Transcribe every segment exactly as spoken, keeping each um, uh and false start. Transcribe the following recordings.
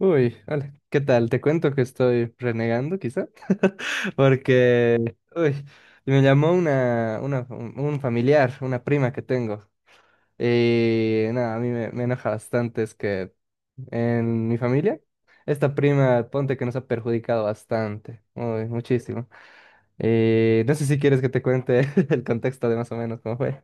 Uy, hola, ¿qué tal? Te cuento que estoy renegando, quizá, porque, uy, me llamó una, una, un un familiar, una prima que tengo, y nada, a mí me, me enoja bastante, es que en mi familia, esta prima, ponte que nos ha perjudicado bastante, uy, muchísimo, y no sé si quieres que te cuente el contexto de más o menos cómo fue.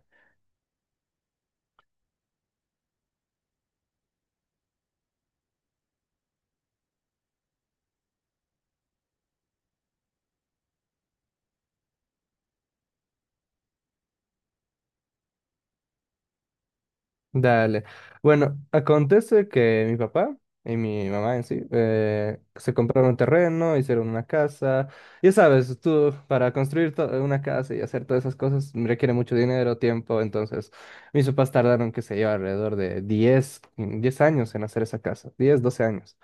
Dale. Bueno, acontece que mi papá y mi mamá en sí eh, se compraron un terreno, hicieron una casa. Ya sabes, tú para construir to- una casa y hacer todas esas cosas requiere mucho dinero, tiempo. Entonces, mis papás tardaron, qué sé yo, alrededor de diez diez años en hacer esa casa, diez doce años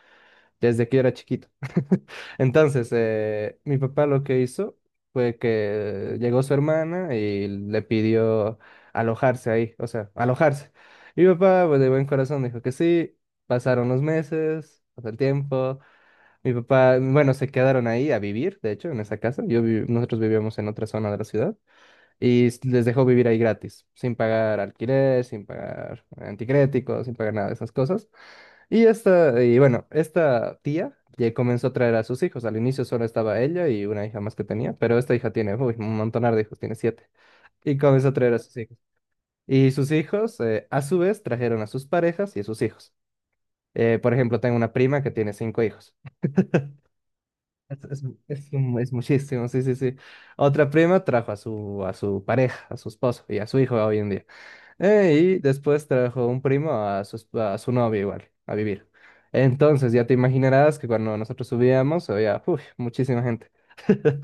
desde que yo era chiquito. Entonces, eh, mi papá lo que hizo fue que llegó su hermana y le pidió alojarse ahí, o sea, alojarse. Mi papá, pues, de buen corazón, dijo que sí. Pasaron los meses, pasó el tiempo. Mi papá, bueno, se quedaron ahí a vivir, de hecho, en esa casa. Yo vi- nosotros vivíamos en otra zona de la ciudad y s- les dejó vivir ahí gratis, sin pagar alquiler, sin pagar anticréticos, sin pagar nada de esas cosas. Y esta, y Bueno, esta tía ya comenzó a traer a sus hijos. Al inicio solo estaba ella y una hija más que tenía, pero esta hija tiene, uy, un montonar de hijos, tiene siete. Y comenzó a traer a sus hijos. Y sus hijos, eh, a su vez, trajeron a sus parejas y a sus hijos. Eh, por ejemplo, tengo una prima que tiene cinco hijos. Es, es, es un- es muchísimo, sí, sí, sí. Otra prima trajo a su, a su pareja, a su esposo y a su hijo hoy en día. Eh, y después trajo un primo a su, esp- a su novia igual, a vivir. Entonces ya te imaginarás que cuando nosotros subíamos había uf, muchísima gente.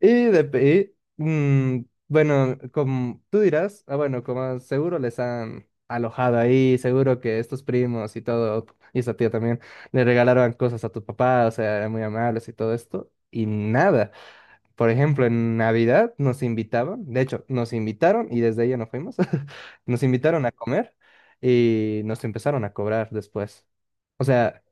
Y, de, y, mm, bueno, como tú dirás, ah, bueno, como seguro les han alojado ahí, seguro que estos primos y todo, y esa tía también, le regalaron cosas a tu papá, o sea, eran muy amables y todo esto, y nada. Por ejemplo, en Navidad nos invitaban, de hecho, nos invitaron y desde ella no fuimos, nos invitaron a comer y nos empezaron a cobrar después. O sea,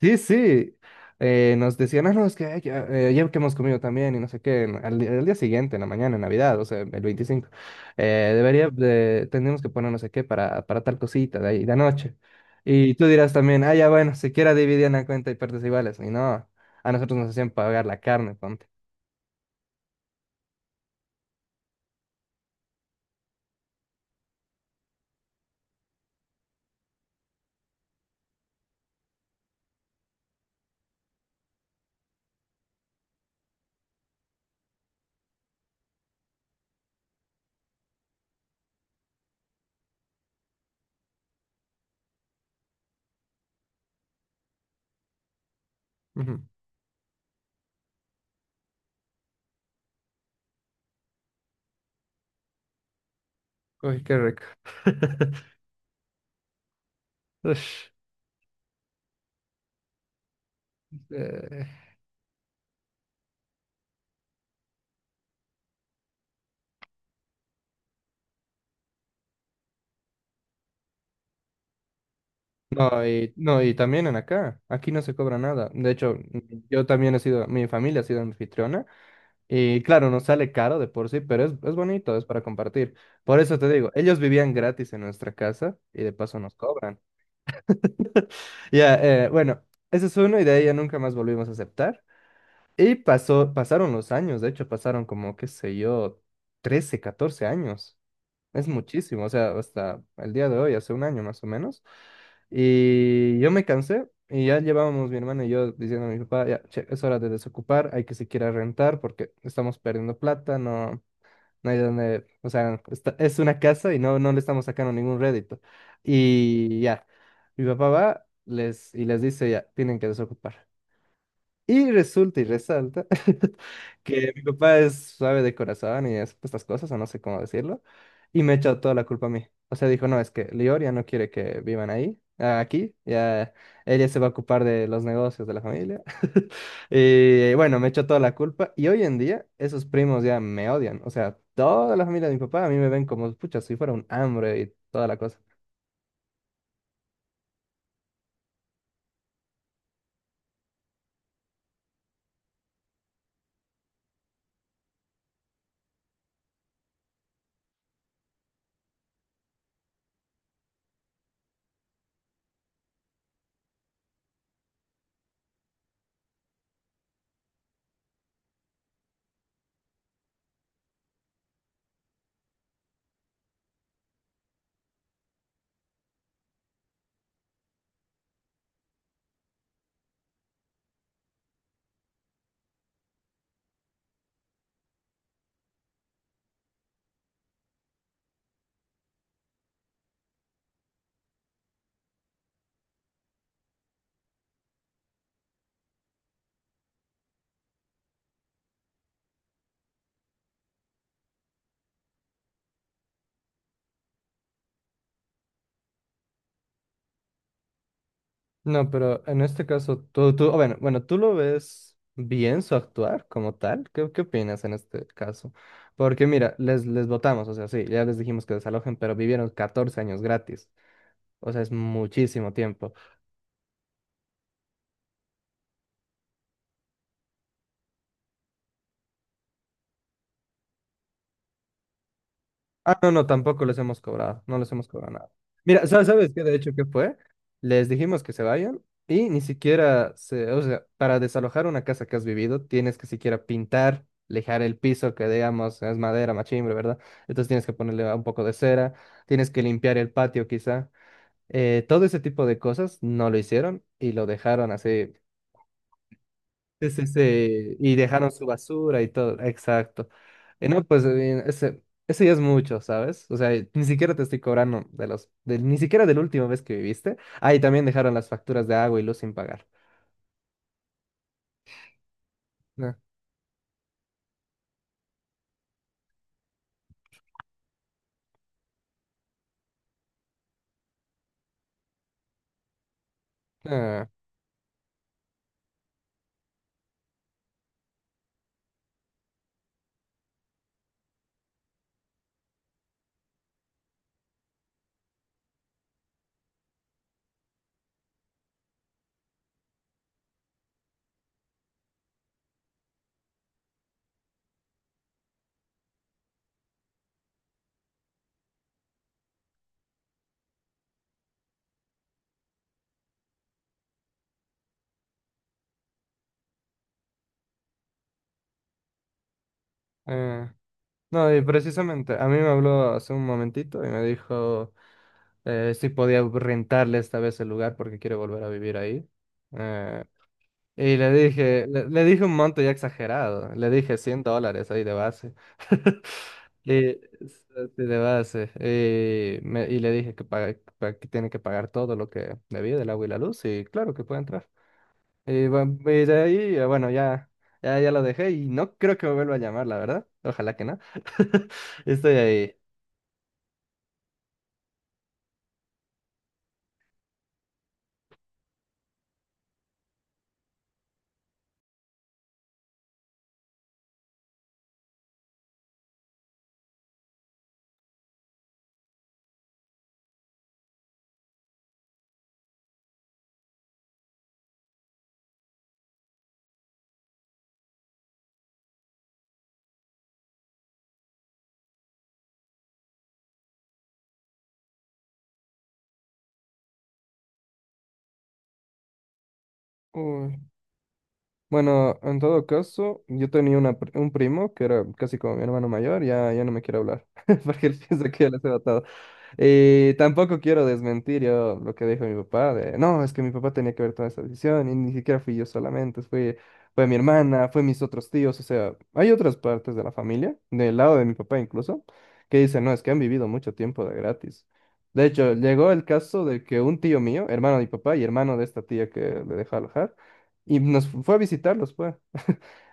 sí, sí, eh, nos decían, ah, no, es que ay, ya, eh, ya que hemos comido también y no sé qué, en- al, di- al día siguiente, en la mañana, en Navidad, o sea, el veinticinco eh, debería, de, tendríamos que poner no sé qué para, para tal cosita de ahí, de anoche. Y tú dirás también, ah, ya bueno, siquiera dividían la cuenta y partes iguales. Y no, a nosotros nos hacían pagar la carne, ponte. Uy, qué rico. Ush, eh, no, y, no, y también en acá, aquí no se cobra nada. De hecho, mm, yo también he sido, mi familia ha sido anfitriona y claro, no sale caro de por sí, pero es, es bonito, es para compartir. Por eso te digo, ellos vivían gratis en nuestra casa y de paso nos cobran. Ya, eh, bueno, ese es uno y de ahí ya nunca más volvimos a aceptar. Y pasó, pasaron los años, de hecho pasaron como, qué sé yo, trece, catorce años. Es muchísimo, o sea, hasta el día de hoy, hace un año más o menos. Y yo me cansé y ya llevábamos mi hermana y yo diciendo a mi papá, ya, che, es hora de desocupar, hay que siquiera rentar porque estamos perdiendo plata, no, no hay donde, o sea, está- es una casa y no, no le estamos sacando ningún rédito. Y ya, mi papá va les, y les dice, ya, tienen que desocupar. Y resulta y resalta que mi papá es suave de corazón y es pues, estas cosas, o no sé cómo decirlo, y me echó toda la culpa a mí. O sea, dijo, no, es que Lior ya no quiere que vivan ahí, ah, aquí, ya ella se va a ocupar de los negocios de la familia. Y bueno, me echó toda la culpa y hoy en día esos primos ya me odian. O sea, toda la familia de mi papá a mí me ven como, pucha, si fuera un hambre y toda la cosa. No, pero en este caso, tú, tú, bueno, bueno, ¿tú lo ves bien su actuar como tal? ¿Qué, qué opinas en este caso? Porque mira, les, les votamos, o sea, sí, ya les dijimos que desalojen, pero vivieron catorce años gratis, o sea, es muchísimo tiempo. Ah, no, no, tampoco les hemos cobrado, no les hemos cobrado nada. Mira, sa- ¿sabes qué? De hecho, ¿qué fue? Les dijimos que se vayan y ni siquiera, se, o sea, para desalojar una casa que has vivido, tienes que siquiera pintar, lijar el piso, que digamos es madera, machimbre, ¿verdad? Entonces tienes que ponerle un poco de cera, tienes que limpiar el patio quizá. Eh, todo ese tipo de cosas no lo hicieron y lo dejaron así. Sí, sí, sí, y dejaron su basura y todo, exacto. Y no, pues eh, ese, ese ya es mucho, ¿sabes? O sea, ni siquiera te estoy cobrando de los, de- ni siquiera de la última vez que viviste. Ah, y también dejaron las facturas de agua y luz sin pagar. No, ah, ah. No, y precisamente, a mí me habló hace un momentito y me dijo eh, si podía rentarle esta vez el lugar porque quiere volver a vivir ahí. Eh, Y le dije, le, le dije un monto ya exagerado, le dije cien dólares ahí de base. Y, s- Así de base. Y, me- y le dije que, paga- pa- que tiene que pagar todo lo que debía del agua y la luz, y claro que puede entrar. Y, bu- y de ahí, eh, bueno, ya, ya, ya lo dejé y no creo que me vuelva a llamar, la verdad. Ojalá que no. Estoy ahí. Bueno, en todo caso, yo tenía una pr- un primo que era casi como mi hermano mayor, ya, ya no me quiere hablar, porque él piensa que ya les he matado. Y tampoco quiero desmentir yo lo que dijo mi papá, de, no, es que mi papá tenía que ver toda esa decisión y ni siquiera fui yo solamente, fue, fue mi hermana, fue mis otros tíos, o sea, hay otras partes de la familia, del lado de mi papá incluso, que dicen, no, es que han vivido mucho tiempo de gratis. De hecho, llegó el caso de que un tío mío, hermano de mi papá y hermano de esta tía que le dejó alojar, y nos fu- fue a visitarlos, pues.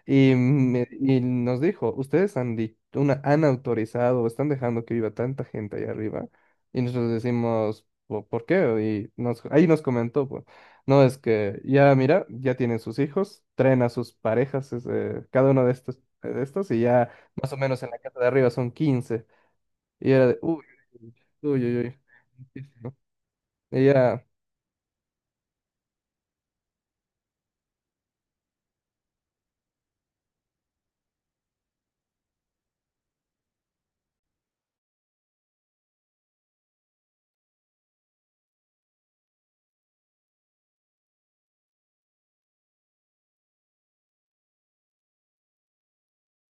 Y, me- y nos dijo, ustedes han, di- una, han autorizado o están dejando que viva tanta gente ahí arriba. Y nosotros decimos, "¿Po- ¿por qué? Y nos, ahí nos comentó, pues, no, es que ya, mira, ya tienen sus hijos, traen a sus parejas, es, eh, cada uno de estos, de estos, y ya más o menos en la casa de arriba son quince. Y era de, uy, uy, uy, uy. Uy". Y ya,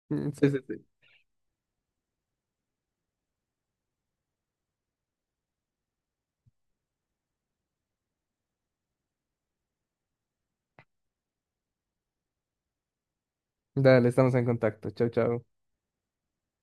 mm, sí, sí, sí. Dale, estamos en contacto. Chau, chau.